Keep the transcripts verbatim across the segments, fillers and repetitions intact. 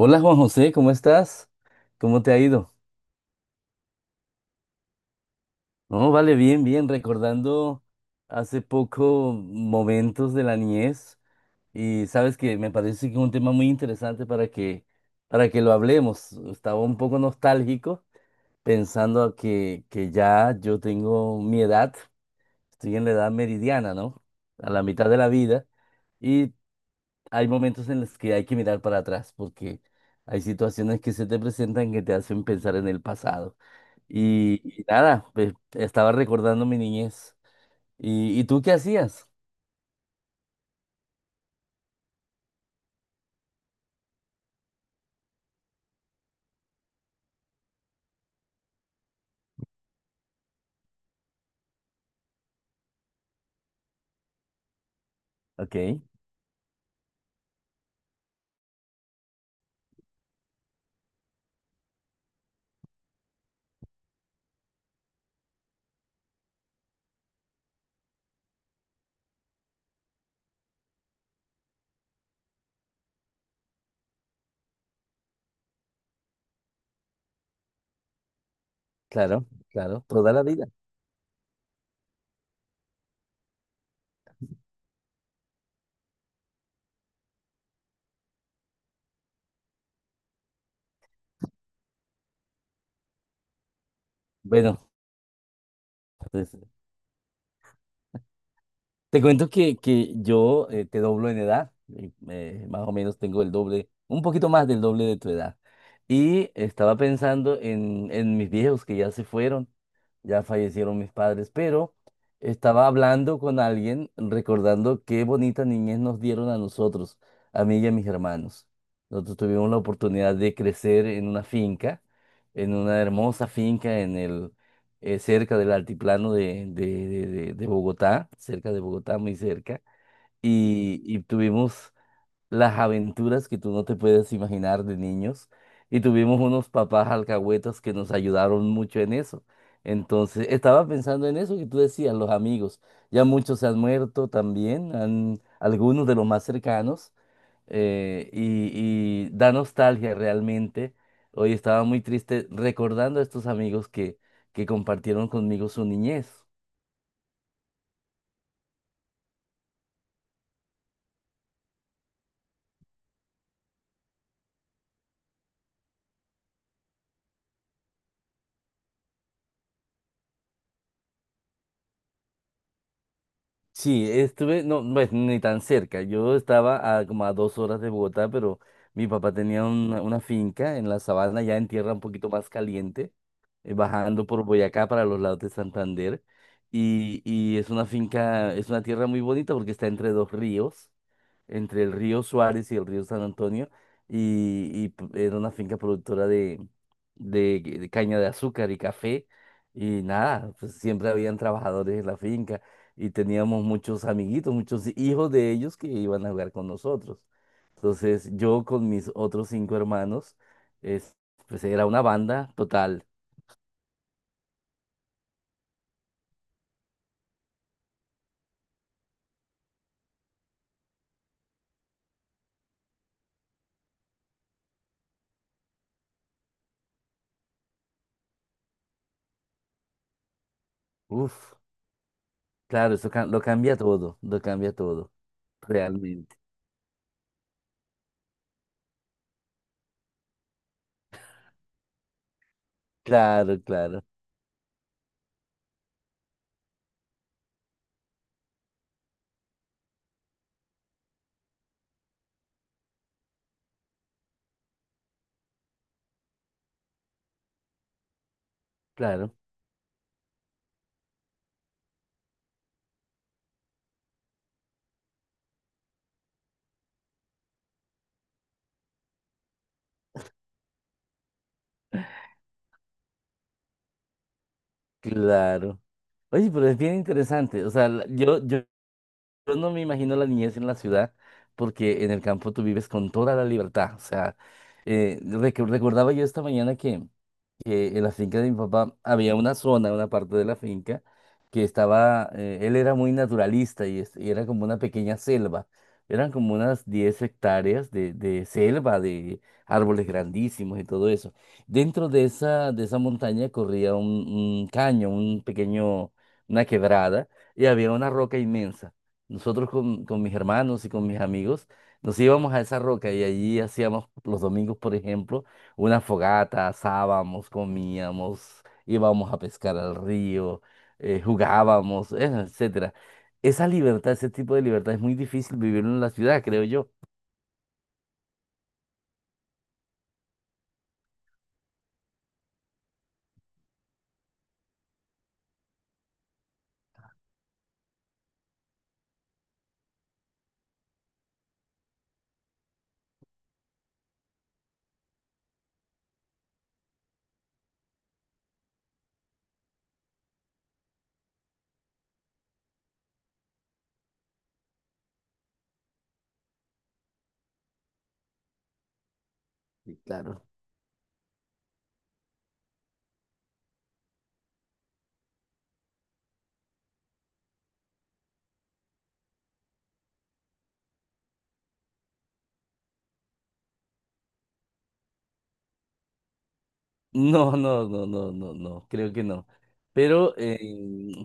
Hola Juan José, ¿cómo estás? ¿Cómo te ha ido? No, vale, bien, bien, recordando hace poco momentos de la niñez, y sabes que me parece que es un tema muy interesante para que, para que lo hablemos. Estaba un poco nostálgico pensando a que, que ya yo tengo mi edad, estoy en la edad meridiana, ¿no? A la mitad de la vida, y hay momentos en los que hay que mirar para atrás porque hay situaciones que se te presentan que te hacen pensar en el pasado. Y, y nada, pues, estaba recordando mi niñez. ¿Y, y tú qué hacías? Ok, claro, claro, toda la vida. Bueno, pues te cuento que, que yo, eh, te doblo en edad, eh, eh, más o menos tengo el doble, un poquito más del doble de tu edad. Y estaba pensando en, en mis viejos que ya se fueron, ya fallecieron mis padres, pero estaba hablando con alguien recordando qué bonita niñez nos dieron a nosotros, a mí y a mis hermanos. Nosotros tuvimos la oportunidad de crecer en una finca, en una hermosa finca en el eh, cerca del altiplano de, de- de- de- de Bogotá, cerca de Bogotá, muy cerca, y, y tuvimos las aventuras que tú no te puedes imaginar de niños. Y tuvimos unos papás alcahuetas que nos ayudaron mucho en eso. Entonces, estaba pensando en eso que tú decías, los amigos. Ya muchos se han muerto también, han- algunos de los más cercanos. eh, y, y da nostalgia realmente. Hoy estaba muy triste recordando a estos amigos que, que compartieron conmigo su niñez. Sí, estuve, no, pues ni tan cerca. Yo estaba a como a dos horas de Bogotá, pero mi papá tenía una, una finca en la sabana, ya en tierra un poquito más caliente, eh, bajando por Boyacá para los lados de Santander. Y, y es una finca, es una tierra muy bonita porque está entre dos ríos, entre el río Suárez y el río San Antonio. Y, y p- era una finca productora de, de, de caña de azúcar y café. Y nada, pues siempre habían trabajadores en la finca y teníamos muchos amiguitos, muchos hijos de ellos que iban a jugar con nosotros. Entonces yo con mis otros cinco hermanos, es, pues era una banda total. Uf, claro, eso ca- lo cambia todo, lo cambia todo, realmente. Claro, claro, claro, claro. Oye, pero es bien interesante. O sea, la- yo, yo, yo no me imagino la niñez en la ciudad, porque en el campo tú vives con toda la libertad. O sea, eh, recu- recordaba yo esta mañana que que en la finca de mi papá había una zona, una parte de la finca, que estaba, eh, él era muy naturalista y, es- y era como una pequeña selva. Eran como unas diez hectáreas de, de selva, de árboles grandísimos y todo eso. Dentro de esa, de esa montaña corría un, un caño, un pequeño, una quebrada, y había una roca inmensa. Nosotros con, con mis hermanos y con mis amigos nos íbamos a esa roca y allí hacíamos los domingos, por ejemplo, una fogata, asábamos, comíamos, íbamos a pescar al río, eh, jugábamos, eh, etcétera. Esa libertad, ese tipo de libertad es muy difícil vivirlo en la ciudad, creo yo. Sí, claro. No, no, no, no, no, no, creo que no. Pero, eh,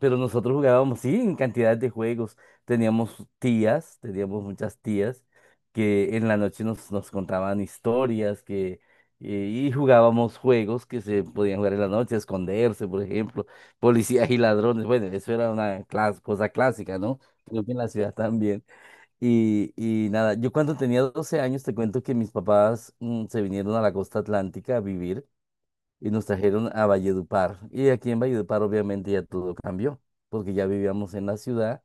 pero nosotros jugábamos, sí, en cantidad de juegos. Teníamos tías, teníamos muchas tías que en la noche nos, nos contaban historias que, eh, y jugábamos juegos que se podían jugar en la noche, esconderse, por ejemplo, policías y ladrones. Bueno, eso era una clas- cosa clásica, ¿no? Creo que en la ciudad también. Y, y nada, yo cuando tenía doce años, te cuento que mis papás, mm, se vinieron a la costa atlántica a vivir y nos trajeron a Valledupar. Y aquí en Valledupar obviamente ya todo cambió, porque ya vivíamos en la ciudad.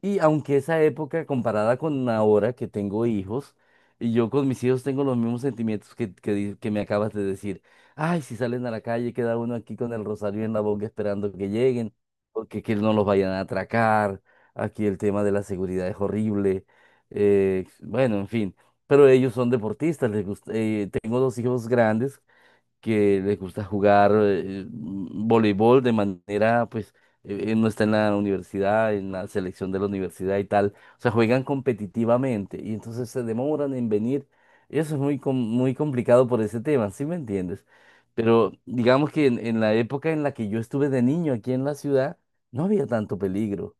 Y aunque esa época comparada con ahora que tengo hijos, y yo con mis hijos tengo los mismos sentimientos que, que, di- que me acabas de decir. Ay, si salen a la calle, queda uno aquí con el rosario en la boca esperando que lleguen, porque que no los vayan a atracar. Aquí el tema de la seguridad es horrible. Eh, bueno, en fin. Pero ellos son deportistas, les gusta, eh, tengo dos hijos grandes que les gusta jugar, eh, voleibol de manera, pues, eh, eh, no está en la universidad, en la selección de la universidad y tal. O sea, juegan competitivamente y entonces se demoran en venir. Eso es muy, com- muy complicado por ese tema, ¿sí me entiendes? Pero digamos que en, en la época en la que yo estuve de niño aquí en la ciudad, no había tanto peligro.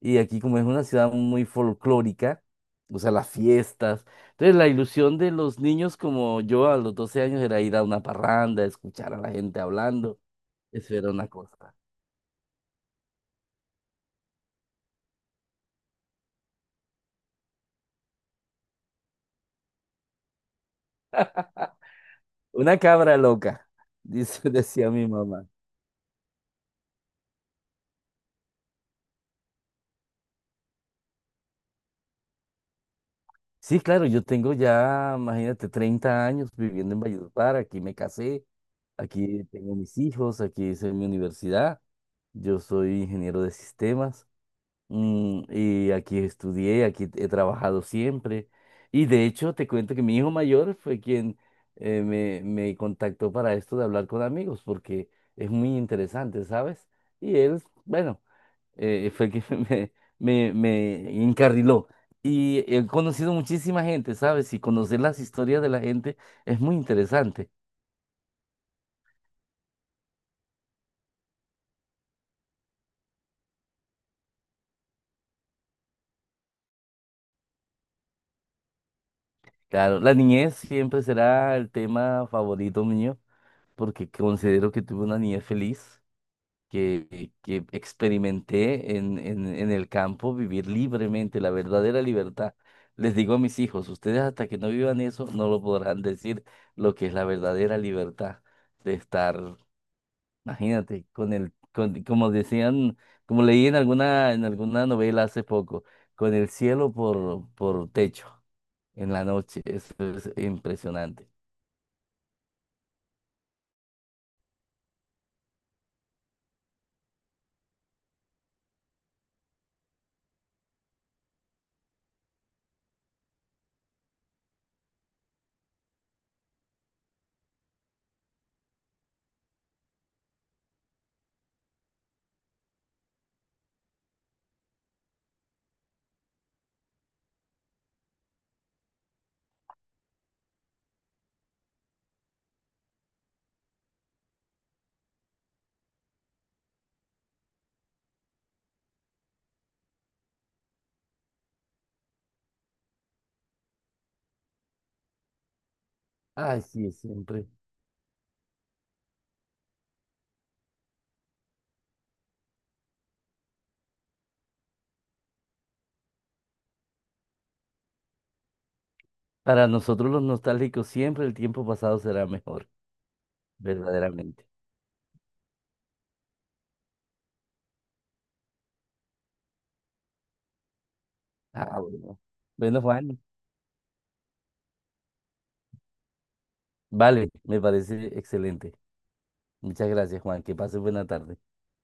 Y aquí como es una ciudad muy folclórica, o sea, las fiestas. Entonces la ilusión de los niños como yo a los doce años era ir a una parranda, escuchar a la gente hablando. Eso era una cosa. Una cabra loca, dice, decía mi mamá. Sí, claro, yo tengo ya, imagínate, treinta años viviendo en Valledupar, aquí me casé, aquí tengo mis hijos, aquí hice mi universidad, yo soy ingeniero de sistemas. Mm, y aquí estudié, aquí he trabajado siempre. Y de hecho, te cuento que mi hijo mayor fue quien eh, me, me contactó para esto de hablar con amigos, porque es muy interesante, ¿sabes? Y él, bueno, eh, fue quien me, me, me encarriló. Y he conocido muchísima gente, ¿sabes? Y conocer las historias de la gente es muy interesante. Claro, la niñez siempre será el tema favorito mío, porque considero que tuve una niñez feliz, que, que experimenté en, en, en el campo, vivir libremente, la verdadera libertad. Les digo a mis hijos, ustedes hasta que no vivan eso, no lo podrán decir lo que es la verdadera libertad de estar, imagínate, con el, con, como decían, como leí en alguna, en alguna novela hace poco, con el cielo por, por techo en la noche. Eso es impresionante. Ay, sí, siempre. Para nosotros los nostálgicos, siempre el tiempo pasado será mejor, verdaderamente. Ah, bueno. Bueno, Juan, vale, me parece excelente. Muchas gracias, Juan. Que pases buena tarde.